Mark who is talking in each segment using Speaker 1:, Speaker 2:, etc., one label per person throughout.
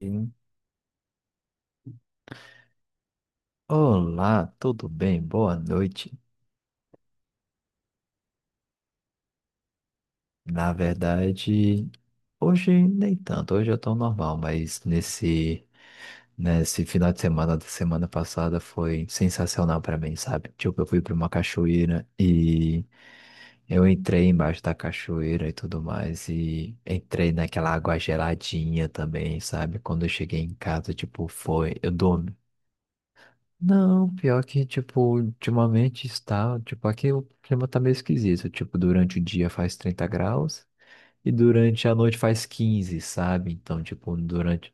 Speaker 1: Sim. Olá, tudo bem? Boa noite. Na verdade, hoje nem tanto, hoje eu tô normal, mas nesse final de semana da semana passada foi sensacional pra mim, sabe? Tipo, eu fui pra uma cachoeira e eu entrei embaixo da cachoeira e tudo mais, e entrei naquela água geladinha também, sabe? Quando eu cheguei em casa, tipo, foi, eu dormi. Não, pior que, tipo, ultimamente está, tipo, aqui o clima tá meio esquisito, tipo, durante o dia faz 30 graus e durante a noite faz 15 sabe? Então, tipo, durante...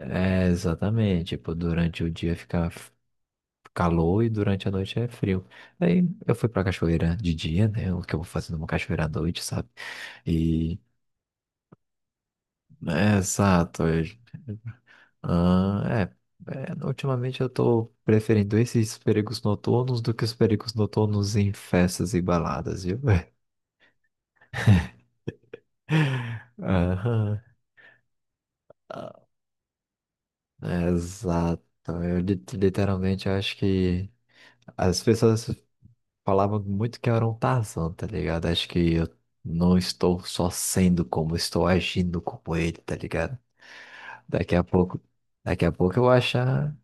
Speaker 1: É, exatamente, tipo, durante o dia fica calor e durante a noite é frio. Aí eu fui pra cachoeira de dia, né? O que eu vou fazer numa cachoeira à noite, sabe? E... É, exato. Ah, é, Ultimamente eu tô preferindo esses perigos noturnos do que os perigos noturnos em festas e baladas, viu? Aham. Ah, Exato. Eu literalmente acho que as pessoas falavam muito que eu era um Tarzan, tá ligado? Acho que eu não estou só sendo como estou agindo como ele, tá ligado? Daqui a pouco, daqui a pouco eu vou achar.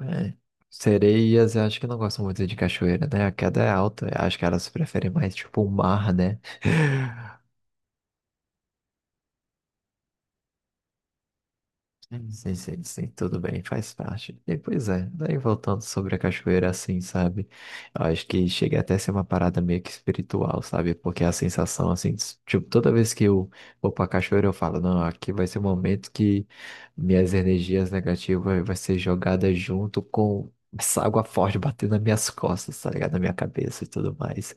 Speaker 1: É, sereias, eu acho que não gostam muito de cachoeira, né? A queda é alta, eu acho que elas preferem mais tipo o mar, né? Sim, sim, sim, sim, tudo bem, faz parte. E, pois é, daí voltando sobre a cachoeira, assim, sabe? Eu acho que chega até a ser uma parada meio que espiritual, sabe? Porque a sensação, assim, tipo, toda vez que eu vou pra cachoeira, eu falo, não, aqui vai ser o momento que minhas energias negativas vai ser jogada junto com essa água forte batendo nas minhas costas, tá ligado? Na minha cabeça e tudo mais.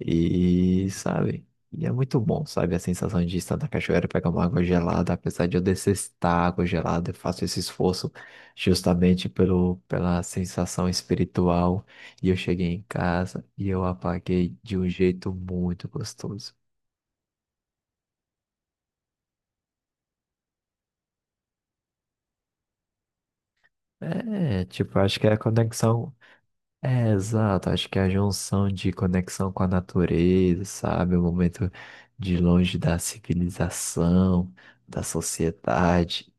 Speaker 1: E, sabe? E é muito bom, sabe? A sensação de estar na cachoeira, pegar uma água gelada, apesar de eu detestar água gelada, eu faço esse esforço justamente pela sensação espiritual. E eu cheguei em casa e eu apaguei de um jeito muito gostoso. É, tipo, acho que é a conexão. É, exato. Acho que a junção de conexão com a natureza, sabe? O momento de longe da civilização, da sociedade,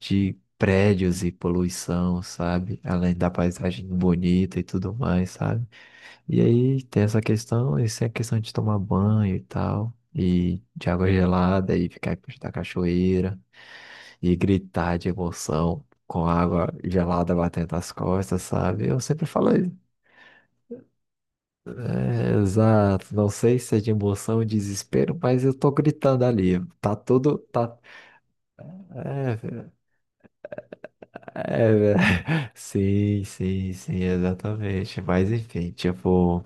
Speaker 1: de prédios e poluição, sabe? Além da paisagem bonita e tudo mais, sabe? E aí tem essa questão, isso é questão de tomar banho e tal, e de água gelada, e ficar perto da cachoeira, e gritar de emoção. Com a água gelada batendo nas costas, sabe? Eu sempre falo. É, exato, não sei se é de emoção ou desespero, mas eu tô gritando ali. Tá tudo, tá. É, é, velho. Sim, sim, sim, exatamente. Mas enfim, tipo,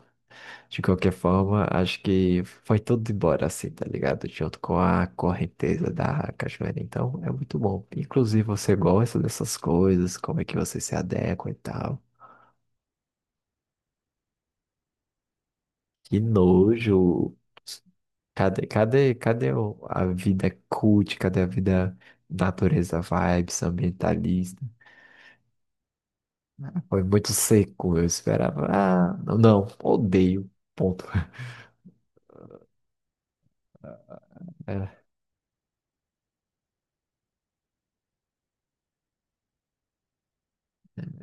Speaker 1: de qualquer forma, acho que foi tudo embora assim, tá ligado? Junto com a correnteza da cachoeira. Então, é muito bom. Inclusive, você gosta dessas coisas, como é que você se adequa e tal. Que nojo. Cadê a vida cult? Cadê a vida natureza vibes, ambientalista? Foi muito seco, eu esperava. Ah, não, não, odeio. Ponto. É,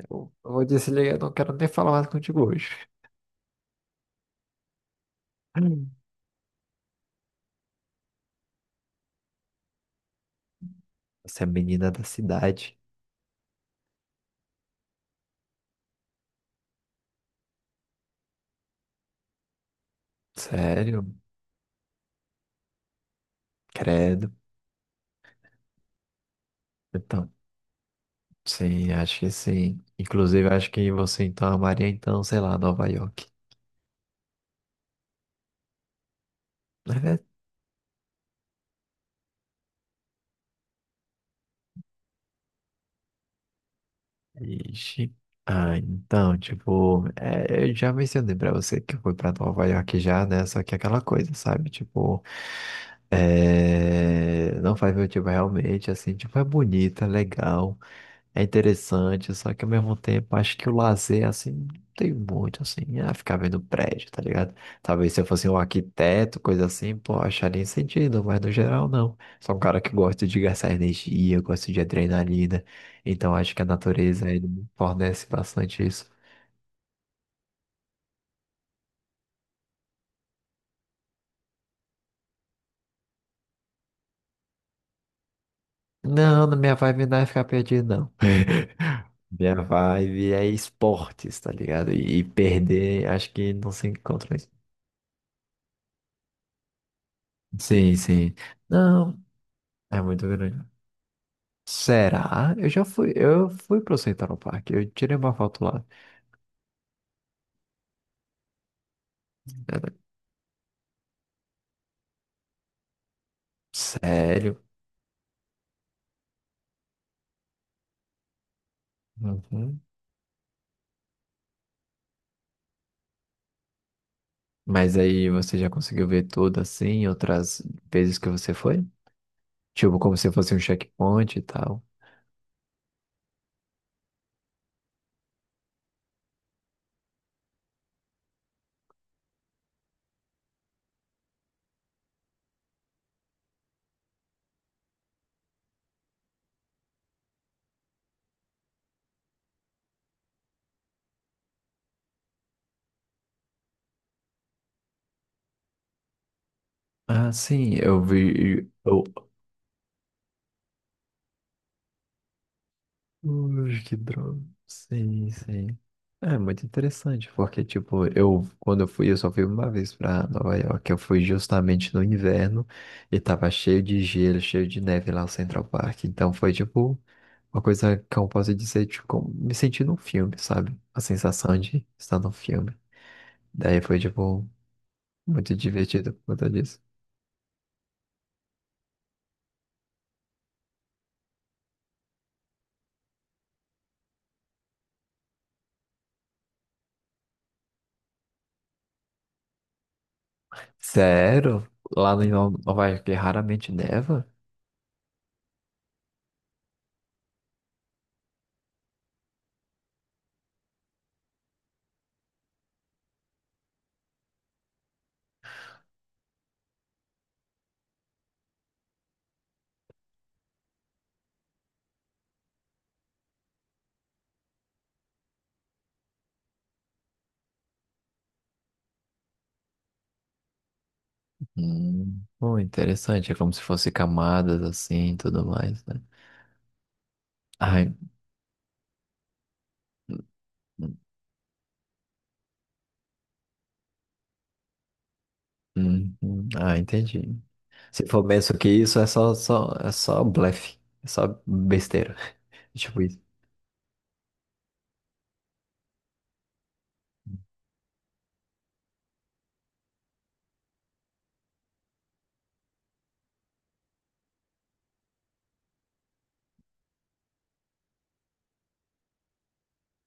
Speaker 1: eu vou desligar, eu não quero nem falar mais contigo hoje. Hum. Você é menina da cidade. Sério? Credo. Então, sim, acho que sim. Inclusive, acho que você então amaria, então, sei lá, Nova York. É, ixi. Ah, então, tipo, é, eu já mencionei pra você que foi pra Nova York já, né? Só que é aquela coisa, sabe? Tipo, é, não faz meu tipo realmente, assim, tipo, é bonita, legal. É interessante, só que ao mesmo tempo acho que o lazer, assim, não tem muito, assim, é ficar vendo prédio, tá ligado? Talvez se eu fosse um arquiteto, coisa assim, pô, acharia sentido, mas no geral não. Sou um cara que gosta de gastar energia, gosto de adrenalina, então acho que a natureza ele me fornece bastante isso. Não, na minha vibe não é ficar perdido, não. Minha vibe é esportes, tá ligado? E, perder, acho que não se encontra isso. Sim, sim. Não, é muito grande. Será? Eu já fui, eu fui pro Central Park, eu tirei uma foto lá. Sério? Uhum. Mas aí você já conseguiu ver tudo assim, outras vezes que você foi? Tipo, como se fosse um checkpoint e tal. Ah, sim, eu vi. Eu. Ui, que droga. Sim, sim. É muito interessante, porque, tipo, eu, quando eu fui, eu só fui uma vez pra Nova York, eu fui justamente no inverno e tava cheio de gelo, cheio de neve lá no Central Park. Então foi, tipo, uma coisa que eu posso dizer, tipo, me senti num filme, sabe? A sensação de estar num filme. Daí foi, tipo, muito divertido por conta disso. Sério? Lá em Nova York raramente neva? Pô, interessante. É como se fosse camadas assim e tudo mais, né? Ai, hum, hum. Ah, entendi. Se for penso que isso é só, é só blefe. É só besteira. Tipo isso.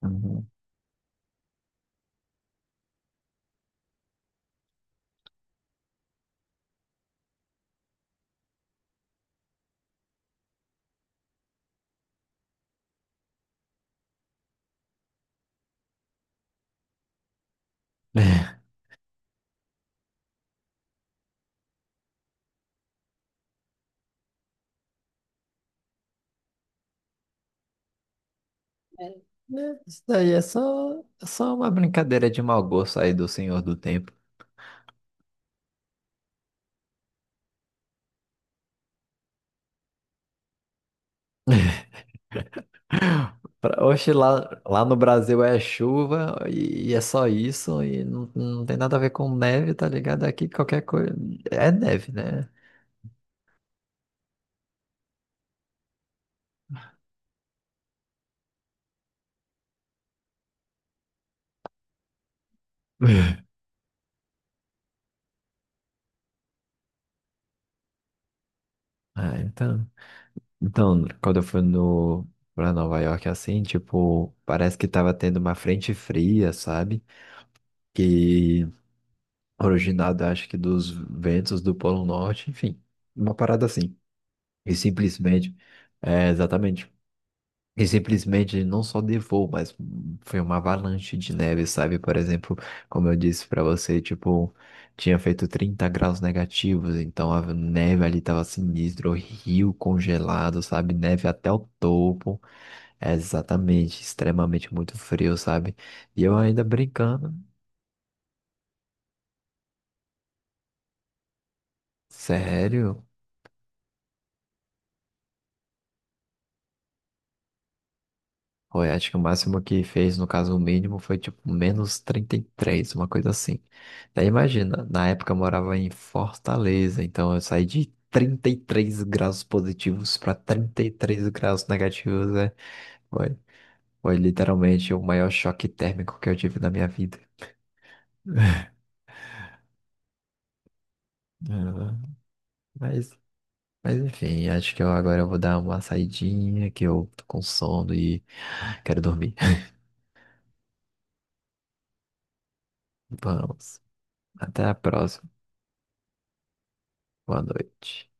Speaker 1: Uhum. É, isso daí é é só uma brincadeira de mau gosto aí do Senhor do Tempo. Oxe, lá no Brasil é chuva e é só isso, e não, não tem nada a ver com neve, tá ligado? Aqui qualquer coisa é neve, né? Ah, então. Então, quando eu fui no, pra Nova York, assim, tipo, parece que tava tendo uma frente fria, sabe? Que originada, acho que dos ventos do Polo Norte, enfim, uma parada assim. E simplesmente, é, exatamente. E simplesmente não só nevou, mas foi uma avalanche de neve, sabe? Por exemplo, como eu disse pra você, tipo, tinha feito -30 graus, então a neve ali tava sinistra, o rio congelado, sabe? Neve até o topo, é exatamente, extremamente muito frio, sabe? E eu ainda brincando, sério? Foi, acho que o máximo que fez, no caso, o mínimo foi tipo -33, uma coisa assim. Daí imagina, na época eu morava em Fortaleza, então eu saí de 33 graus para -33 graus, né? Foi, foi literalmente o maior choque térmico que eu tive na minha vida. Ah, Mas, mas enfim, acho que eu agora eu vou dar uma saidinha, que eu tô com sono e quero dormir. Vamos, até a próxima. Boa noite.